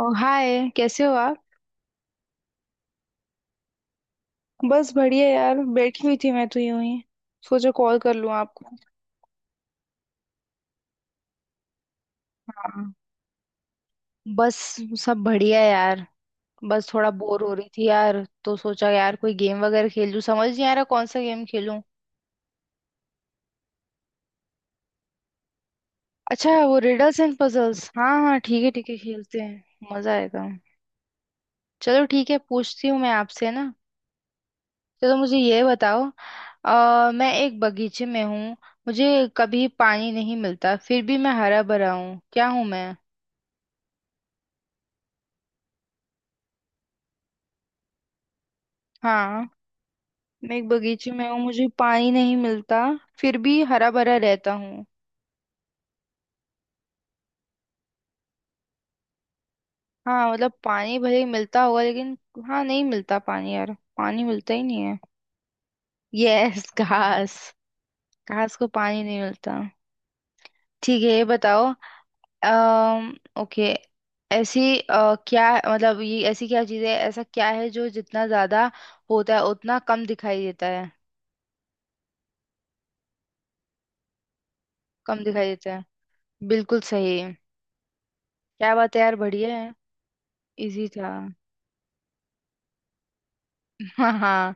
ओ hi, कैसे हो आप। बस बढ़िया यार, बैठी हुई थी मैं तो यूं ही। सोचा कॉल कर लूं आपको। हाँ, बस सब बढ़िया है यार। बस थोड़ा बोर हो रही थी यार, तो सोचा यार कोई गेम वगैरह खेल लूं, समझ नहीं आ रहा कौन सा गेम खेलूं। अच्छा, वो रिडल्स एंड पजल्स, हाँ हाँ, ठीक है ठीक है, खेलते हैं। मजा आएगा। चलो ठीक है, पूछती हूँ मैं आपसे ना। चलो, मुझे ये बताओ। मैं एक बगीचे में हूँ, मुझे कभी पानी नहीं मिलता, फिर भी मैं हरा भरा हूँ। क्या हूँ मैं। हाँ, मैं एक बगीचे में हूँ, मुझे पानी नहीं मिलता, फिर भी हरा भरा रहता हूँ। हाँ मतलब, पानी भले ही मिलता होगा लेकिन। हाँ, नहीं मिलता पानी यार, पानी मिलता ही नहीं है। यस घास। घास को पानी नहीं मिलता। ठीक है, ये बताओ। अम्म ओके। ऐसी क्या मतलब, ये ऐसी क्या चीज़ है, ऐसा क्या है जो जितना ज्यादा होता है उतना कम दिखाई देता है। कम दिखाई देता है, बिल्कुल सही। क्या बात है यार, बढ़िया है। इजी था। हाँ हाँ।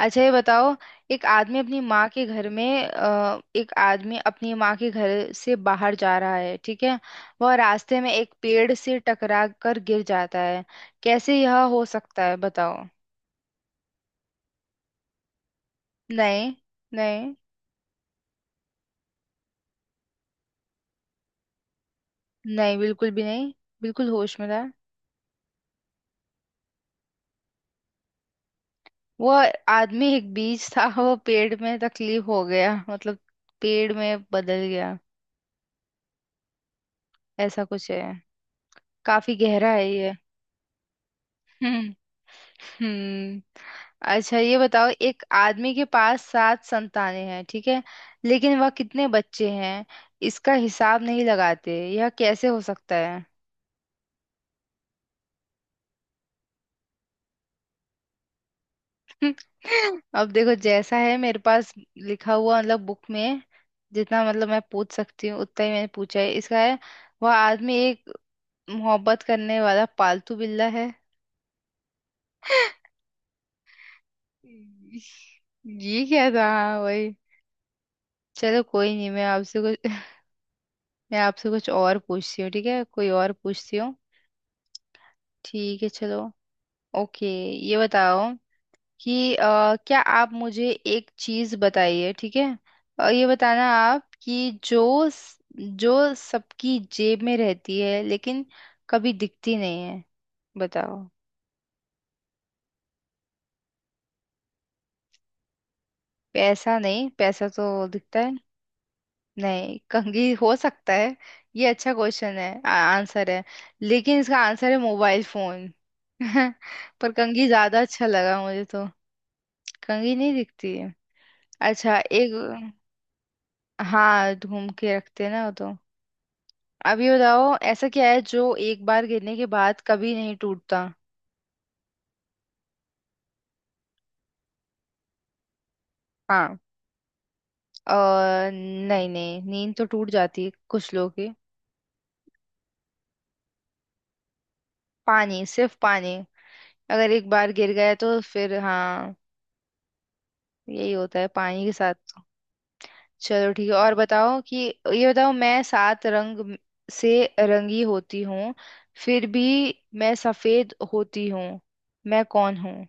अच्छा ये बताओ, एक आदमी अपनी माँ के घर में एक आदमी अपनी माँ के घर से बाहर जा रहा है, ठीक है। वह रास्ते में एक पेड़ से टकरा कर गिर जाता है। कैसे यह हो सकता है, बताओ। नहीं। नहीं। नहीं, बिल्कुल भी नहीं। बिल्कुल होश में था। वह आदमी एक बीज था, वो पेड़ में तकलीफ हो गया, मतलब पेड़ में बदल गया। ऐसा कुछ है। काफी गहरा है ये। हम्म। अच्छा ये बताओ, एक आदमी के पास सात संतानें हैं, ठीक है। लेकिन वह कितने बच्चे हैं इसका हिसाब नहीं लगाते, यह कैसे हो सकता है। अब देखो जैसा है मेरे पास लिखा हुआ, मतलब बुक में। जितना मतलब मैं पूछ सकती हूँ उतना ही मैंने पूछा है, इसका है। वह आदमी एक मोहब्बत करने वाला पालतू बिल्ला है। ये क्या था। हाँ, वही। चलो कोई नहीं, मैं आपसे कुछ और पूछती हूँ, ठीक है, कोई और पूछती हूँ। ठीक है चलो। ओके। ये बताओ कि क्या आप मुझे एक चीज बताइए, ठीक है। ये बताना आप कि जो सबकी जेब में रहती है लेकिन कभी दिखती नहीं है। बताओ। पैसा नहीं, पैसा तो दिखता है। नहीं, कंघी हो सकता है। ये अच्छा क्वेश्चन है, आंसर है। लेकिन इसका आंसर है मोबाइल फोन। पर कंघी ज्यादा अच्छा लगा मुझे तो। कंघी नहीं दिखती है। अच्छा एक। हाँ, घूम के रखते हैं ना वो तो। अब ये बताओ, ऐसा क्या है जो एक बार गिरने के बाद कभी नहीं टूटता। हाँ, और नहीं नहीं नींद तो टूट जाती है कुछ लोगों की। पानी, सिर्फ पानी। अगर एक बार गिर गए तो फिर हाँ, यही होता है पानी के साथ। चलो ठीक है, और बताओ कि ये बताओ, मैं सात रंग म- से रंगी होती हूँ, फिर भी मैं सफेद होती हूँ। मैं कौन हूँ।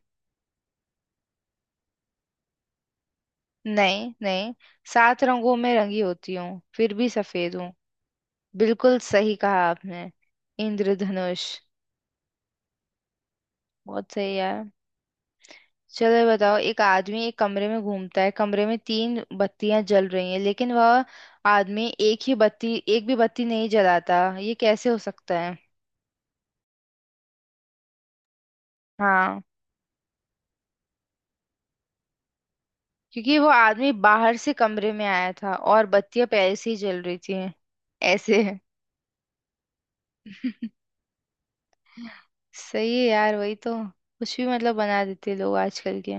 नहीं नहीं, सात रंगों में रंगी होती हूँ फिर भी सफेद हूँ। बिल्कुल सही कहा आपने। इंद्रधनुष। बहुत सही यार। चलो ये बताओ, एक आदमी एक कमरे में घूमता है, कमरे में तीन बत्तियां जल रही हैं, लेकिन वह आदमी एक भी बत्ती नहीं जलाता। ये कैसे हो सकता है। हाँ, क्योंकि वो आदमी बाहर से कमरे में आया था और बत्तियां पहले से ही जल रही थी। ऐसे। सही है यार, वही तो। कुछ भी मतलब बना देते हैं लोग आजकल के।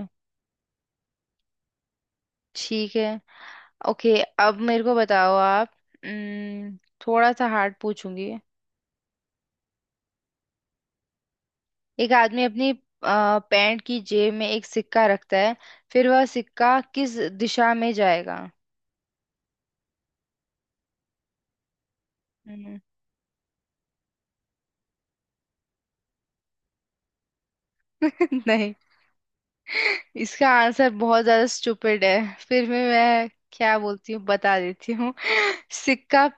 ठीक है। ओके। अब मेरे को बताओ आप। उम्म, थोड़ा सा हार्ड पूछूंगी। एक आदमी अपनी पैंट की जेब में एक सिक्का रखता है। फिर वह सिक्का किस दिशा में जाएगा। हम्म। नहीं, इसका आंसर बहुत ज्यादा स्टूपिड है। फिर भी मैं क्या बोलती हूँ बता देती हूँ। सिक्का,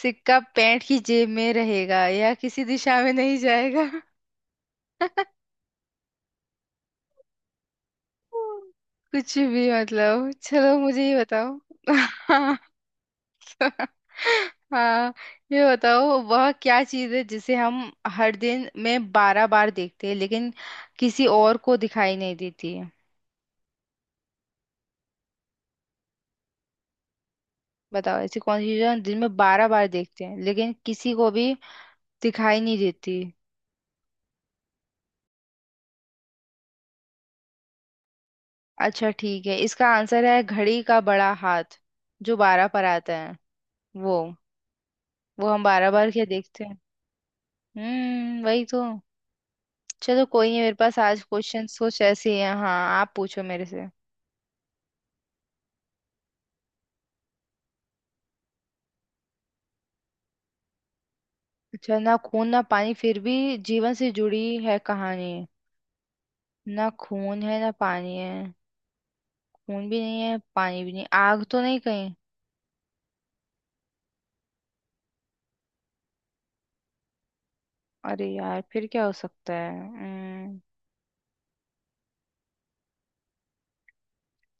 सिक्का पैंट की जेब में रहेगा, या किसी दिशा में नहीं जाएगा। कुछ भी मतलब। चलो मुझे ये बताओ। हाँ, ये बताओ, वह क्या चीज़ है जिसे हम हर दिन में बारह बार देखते हैं लेकिन किसी और को दिखाई नहीं देती है। बताओ ऐसी कौन सी चीज़ है, दिन में बारह बार देखते हैं लेकिन किसी को भी दिखाई नहीं देती। अच्छा ठीक है, इसका आंसर है घड़ी का बड़ा हाथ जो बारह पर आता है। वो वो हम बारह बार क्या देखते हैं। हम्म, वही तो। चलो कोई नहीं, मेरे पास आज क्वेश्चन कुछ ऐसे ही हैं। हाँ आप पूछो मेरे से। अच्छा, ना खून ना पानी फिर भी जीवन से जुड़ी है कहानी। ना खून है ना पानी है। खून भी नहीं है, पानी भी नहीं, आग तो नहीं कहीं। अरे यार फिर क्या हो सकता है।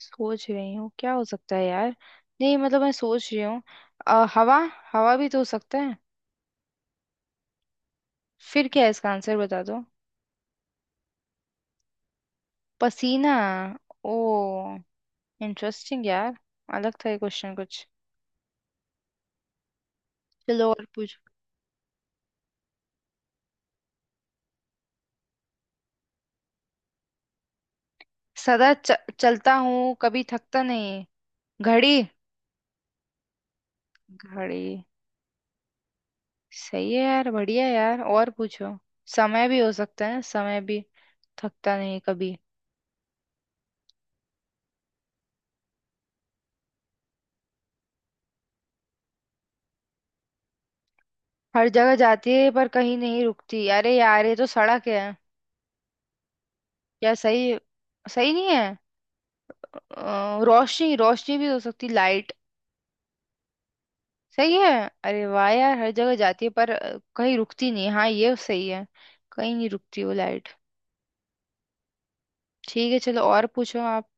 सोच रही हूँ क्या हो सकता है यार। नहीं मतलब, मैं सोच रही हूँ। हवा, हवा भी तो हो सकता है। फिर क्या है, इसका आंसर बता दो। पसीना। ओ, इंटरेस्टिंग यार। अलग था ये क्वेश्चन कुछ। चलो और पूछ। सदा च, चलता हूँ कभी थकता नहीं। घड़ी। घड़ी। सही है यार, बढ़िया यार, और पूछो। समय भी हो सकता है, समय भी। थकता नहीं कभी। हर जगह जाती है पर कहीं नहीं रुकती, अरे यार ये तो सड़क है। यार सही, सही नहीं है। रोशनी, रोशनी भी हो सकती, लाइट। सही है। अरे वाह यार, हर जगह जाती है पर कहीं रुकती नहीं, हाँ ये सही है। कहीं नहीं रुकती वो लाइट। ठीक है चलो, और पूछो आप।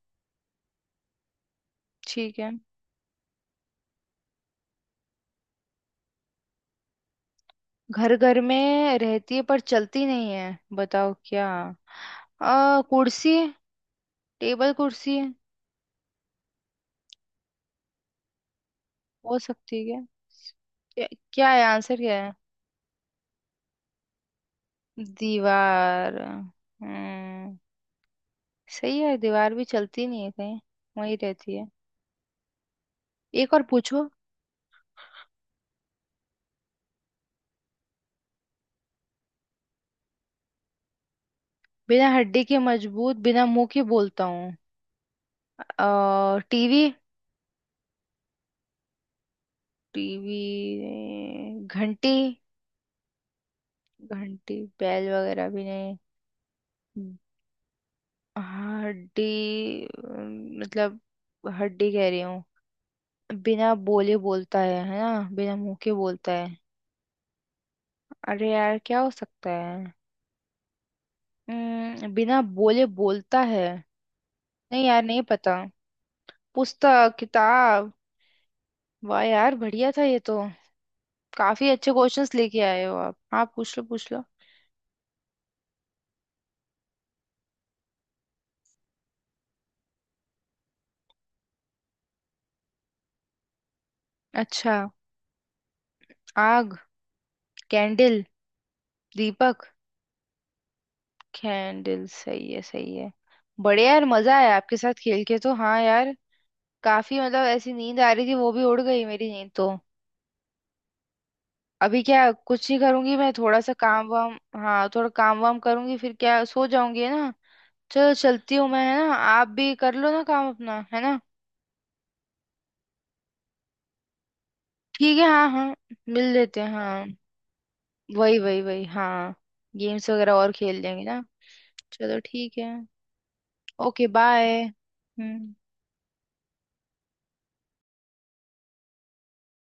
ठीक है। घर घर में रहती है पर चलती नहीं है, बताओ क्या। कुर्सी, टेबल कुर्सी हो सकती है। क्या क्या। क्या है आंसर, क्या है। दीवार। हम्म, सही है, दीवार भी चलती नहीं है कहीं, वहीं रहती है। एक और पूछो। बिना हड्डी के मजबूत, बिना मुंह के बोलता हूँ। अ टीवी। टीवी। घंटी। घंटी, बैल वगैरह भी नहीं। हाँ, हड्डी मतलब हड्डी कह रही हूँ। बिना बोले बोलता है ना, बिना मुंह के बोलता है। अरे यार क्या हो सकता है। बिना बोले बोलता है। नहीं यार, नहीं पता। पुस्तक, किताब। वाह यार, बढ़िया था ये तो। काफी अच्छे क्वेश्चंस लेके आए हो आप। पूछ लो। अच्छा। आग, कैंडल, दीपक। कैंडल सही है, सही है। बढ़िया यार, मजा आया आपके साथ खेल के तो। हाँ यार, काफी मतलब ऐसी नींद आ रही थी, वो भी उड़ गई मेरी नींद तो। अभी क्या, कुछ नहीं करूंगी मैं, थोड़ा सा काम वाम, हाँ थोड़ा काम वाम करूंगी, फिर क्या सो जाऊंगी है ना। चलो चलती हूँ मैं है ना, आप भी कर लो ना काम अपना है ना। ठीक है, हाँ हाँ। मिल लेते हैं हाँ। वही वही वही हाँ। गेम्स वगैरह और खेल लेंगे ना। चलो ठीक है। Okay bye. हम्म।